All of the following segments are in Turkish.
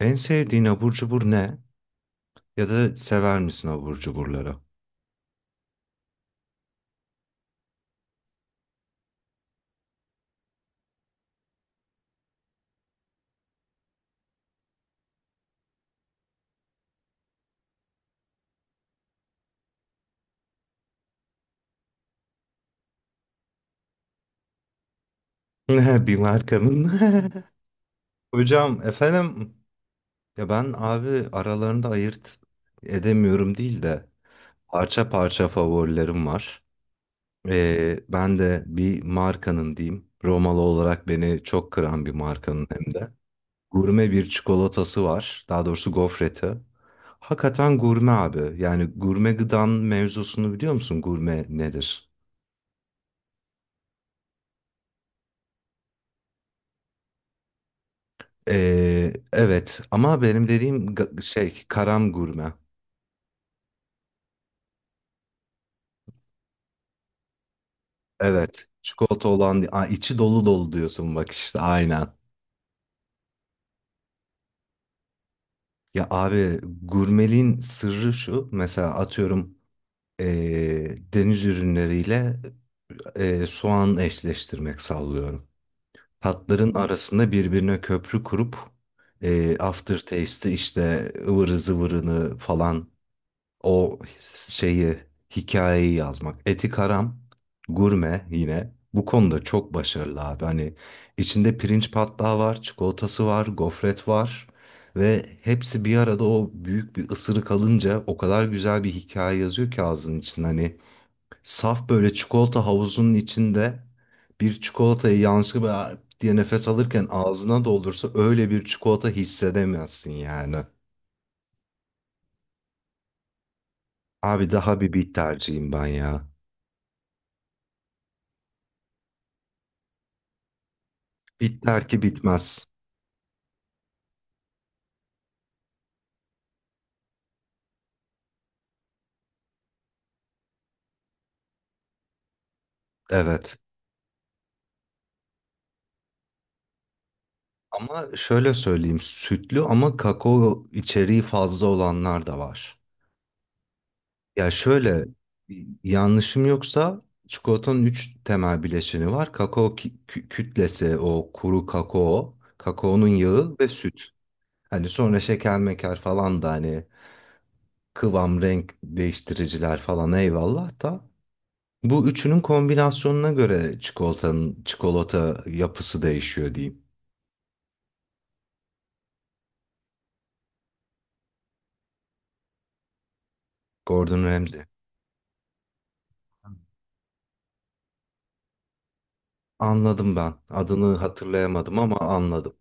En sevdiğin abur cubur ne? Ya da sever misin abur cuburları? Bir markanın. Hocam efendim ya ben abi aralarında ayırt edemiyorum değil de parça parça favorilerim var. Ben de bir markanın diyeyim. Romalı olarak beni çok kıran bir markanın hem de. Gurme bir çikolatası var. Daha doğrusu gofreti. Hakikaten gurme abi. Yani gurme gıdan mevzusunu biliyor musun? Gurme nedir? Evet ama benim dediğim karam gurme. Evet. Çikolata olan Aa, içi dolu dolu diyorsun bak işte aynen. Ya abi gurmeliğin sırrı şu. Mesela atıyorum deniz ürünleriyle soğan eşleştirmek sallıyorum. Tatların arasında birbirine köprü kurup aftertaste'i işte ıvırı zıvırını falan o şeyi, hikayeyi yazmak. Eti Karam, gurme yine. Bu konuda çok başarılı abi. Hani içinde pirinç patlağı var, çikolatası var, gofret var. Ve hepsi bir arada o büyük bir ısırık alınca o kadar güzel bir hikaye yazıyor ki ağzının için. Hani saf böyle çikolata havuzunun içinde bir çikolatayı yanlışlıkla "Aa!" diye nefes alırken ağzına doldursa öyle bir çikolata hissedemezsin yani. Abi daha bir bit tercihim ben ya. Bitler ki bitmez. Evet. Ama şöyle söyleyeyim, sütlü ama kakao içeriği fazla olanlar da var. Ya şöyle yanlışım yoksa çikolatanın üç temel bileşeni var. Kakao kütlesi, o kuru kakao, kakaonun yağı ve süt. Hani sonra şeker meker falan da hani kıvam, renk değiştiriciler falan eyvallah da bu üçünün kombinasyonuna göre çikolatanın çikolata yapısı değişiyor diyeyim. Gordon Ramsay. Anladım ben. Adını hatırlayamadım ama anladım.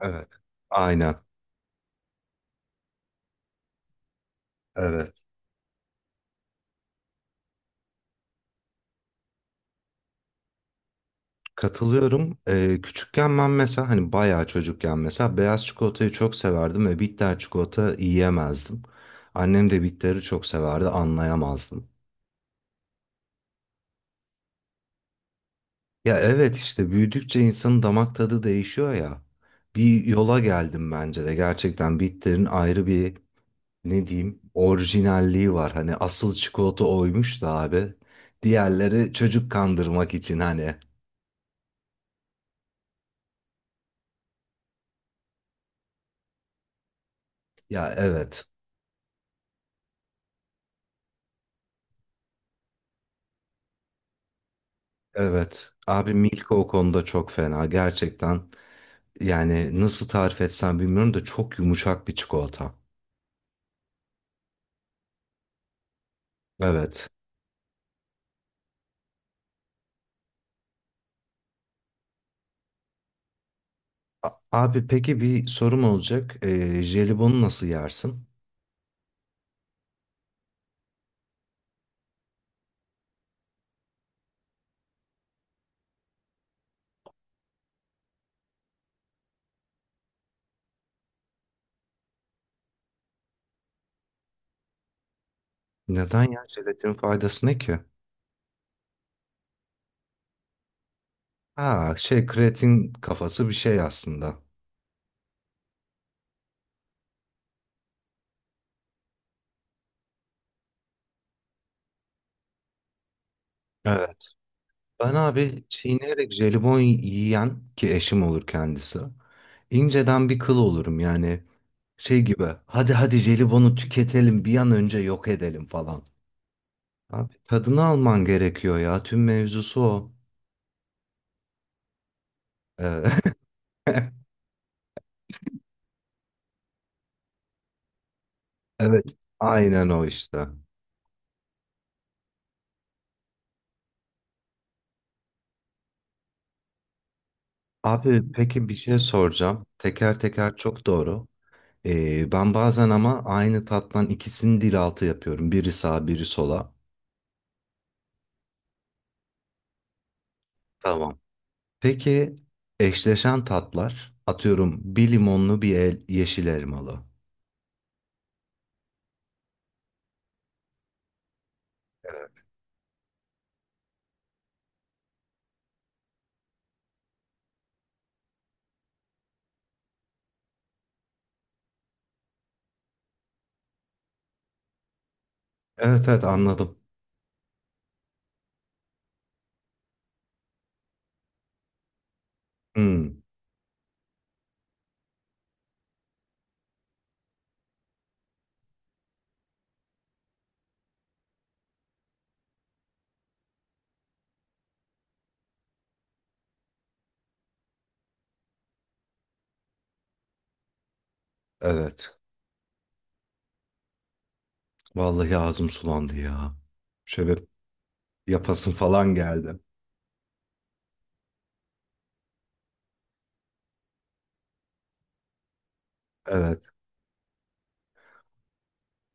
Evet. Aynen. Evet. Katılıyorum. Küçükken ben mesela hani bayağı çocukken mesela beyaz çikolatayı çok severdim ve bitter çikolata yiyemezdim. Annem de bitteri çok severdi, anlayamazdım. Ya evet işte büyüdükçe insanın damak tadı değişiyor ya. Bir yola geldim bence de. Gerçekten bitterin ayrı bir ne diyeyim orijinalliği var. Hani asıl çikolata oymuş da abi. Diğerleri çocuk kandırmak için hani. Ya evet. Evet. Abi Milka o konuda çok fena. Gerçekten yani nasıl tarif etsem bilmiyorum da çok yumuşak bir çikolata. Evet. Abi peki bir sorum olacak. Jelibonu nasıl yersin? Neden ya jelatin faydası ne ki? Ha şey kreatin kafası bir şey aslında. Evet. Ben abi çiğneyerek jelibon yiyen ki eşim olur kendisi, inceden bir kıl olurum yani şey gibi hadi hadi jelibonu tüketelim bir an önce yok edelim falan. Abi tadını alman gerekiyor ya tüm mevzusu o. Ee, Evet aynen o işte. Abi peki bir şey soracağım. Teker teker çok doğru. Ben bazen ama aynı tattan ikisini dil altı yapıyorum. Biri sağ biri sola. Tamam. Peki eşleşen tatlar atıyorum bir limonlu bir el, yeşil elmalı. Evet evet anladım. Hmm, evet. Vallahi ağzım sulandı ya. Şöyle yapasın falan geldi. Evet.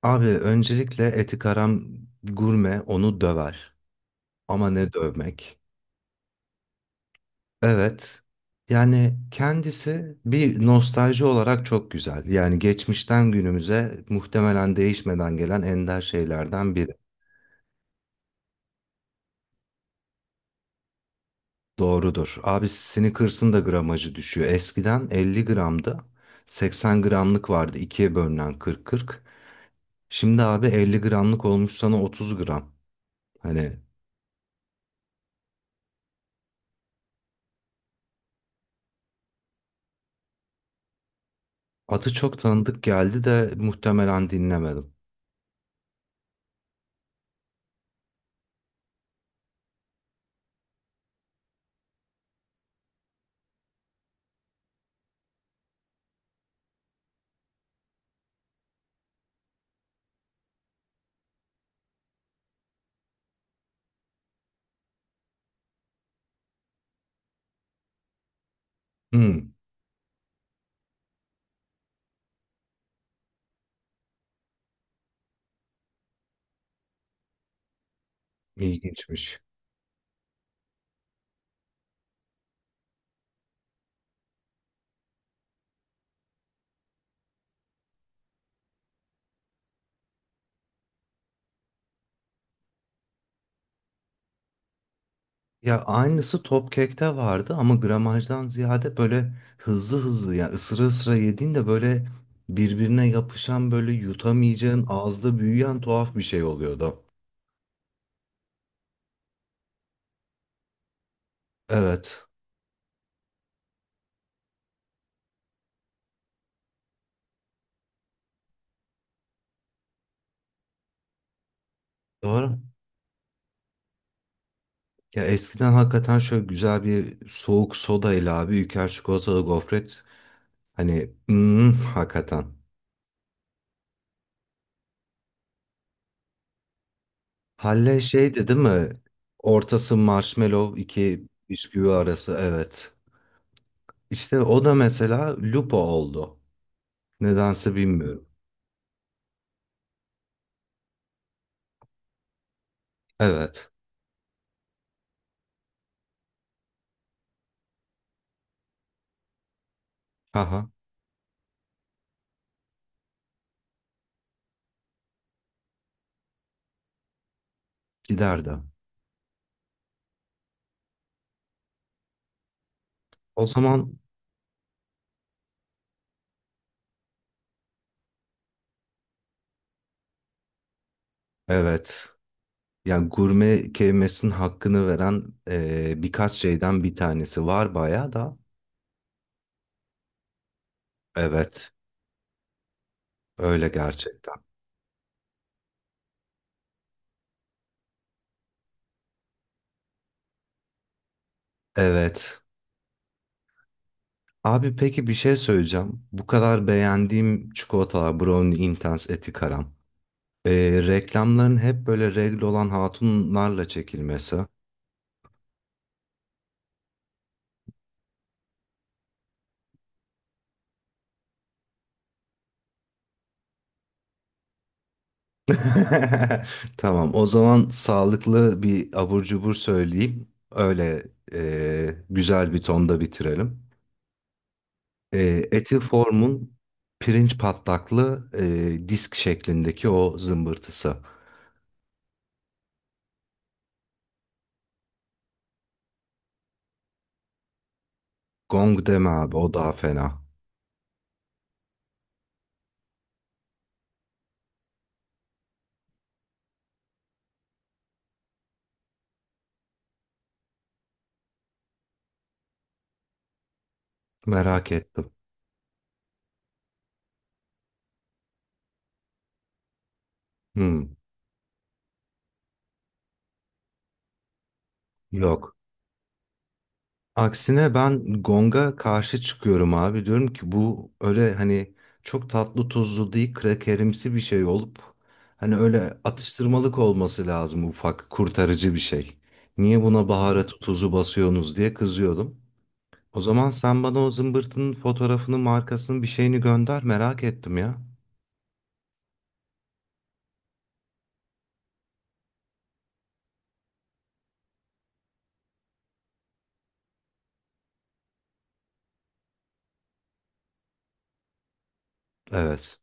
Abi öncelikle etikaram gurme onu döver. Ama ne dövmek? Evet. Yani kendisi bir nostalji olarak çok güzel. Yani geçmişten günümüze muhtemelen değişmeden gelen ender şeylerden biri. Doğrudur. Abi Snickers'ın da gramajı düşüyor. Eskiden 50 gramda 80 gramlık vardı, ikiye bölünen kırk kırk. Şimdi abi 50 gramlık olmuş sana 30 gram. Hani adı çok tanıdık geldi de muhtemelen dinlemedim. Hmm, ilginçmiş. Ya aynısı Topcake'te vardı ama gramajdan ziyade böyle hızlı hızlı ya ısıra ısıra yediğin de böyle birbirine yapışan böyle yutamayacağın ağızda büyüyen tuhaf bir şey oluyordu. Evet. Doğru. Ya eskiden hakikaten şöyle güzel bir soğuk soda ile abi Ülker çikolatalı gofret hani hakikaten. Halle şeydi değil mi? Ortası marshmallow iki bisküvi arası evet. İşte o da mesela lupo oldu. Nedense bilmiyorum. Evet. Haha giderdi. O zaman evet. Yani gurme kelimesinin hakkını veren birkaç şeyden bir tanesi var bayağı da. Evet. Öyle gerçekten. Evet. Abi peki bir şey söyleyeceğim. Bu kadar beğendiğim çikolatalar Brownie Intense Etikaram. Reklamların hep böyle regl olan hatunlarla çekilmesi. Tamam o zaman sağlıklı bir abur cubur söyleyeyim. Öyle güzel bir tonda bitirelim. E, Eti formun pirinç patlaklı disk şeklindeki o zımbırtısı. Gong deme abi o daha fena. Merak ettim. Hmm, yok. Aksine ben Gong'a karşı çıkıyorum abi. Diyorum ki bu öyle hani çok tatlı tuzlu değil krakerimsi bir şey olup hani öyle atıştırmalık olması lazım ufak kurtarıcı bir şey. Niye buna baharatı tuzu basıyorsunuz diye kızıyordum. O zaman sen bana o zımbırtının fotoğrafını markasını bir şeyini gönder merak ettim ya. Evet,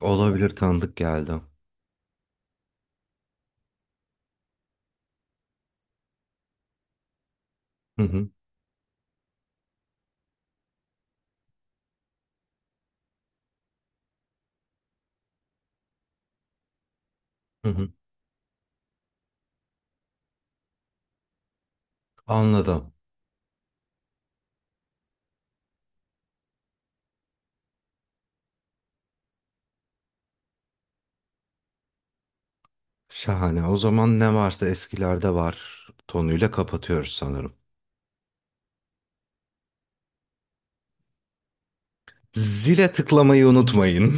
olabilir tanıdık geldi. Hı hı, hı hı. Anladım. Şahane. O zaman ne varsa eskilerde var tonuyla kapatıyoruz sanırım. Zile tıklamayı unutmayın.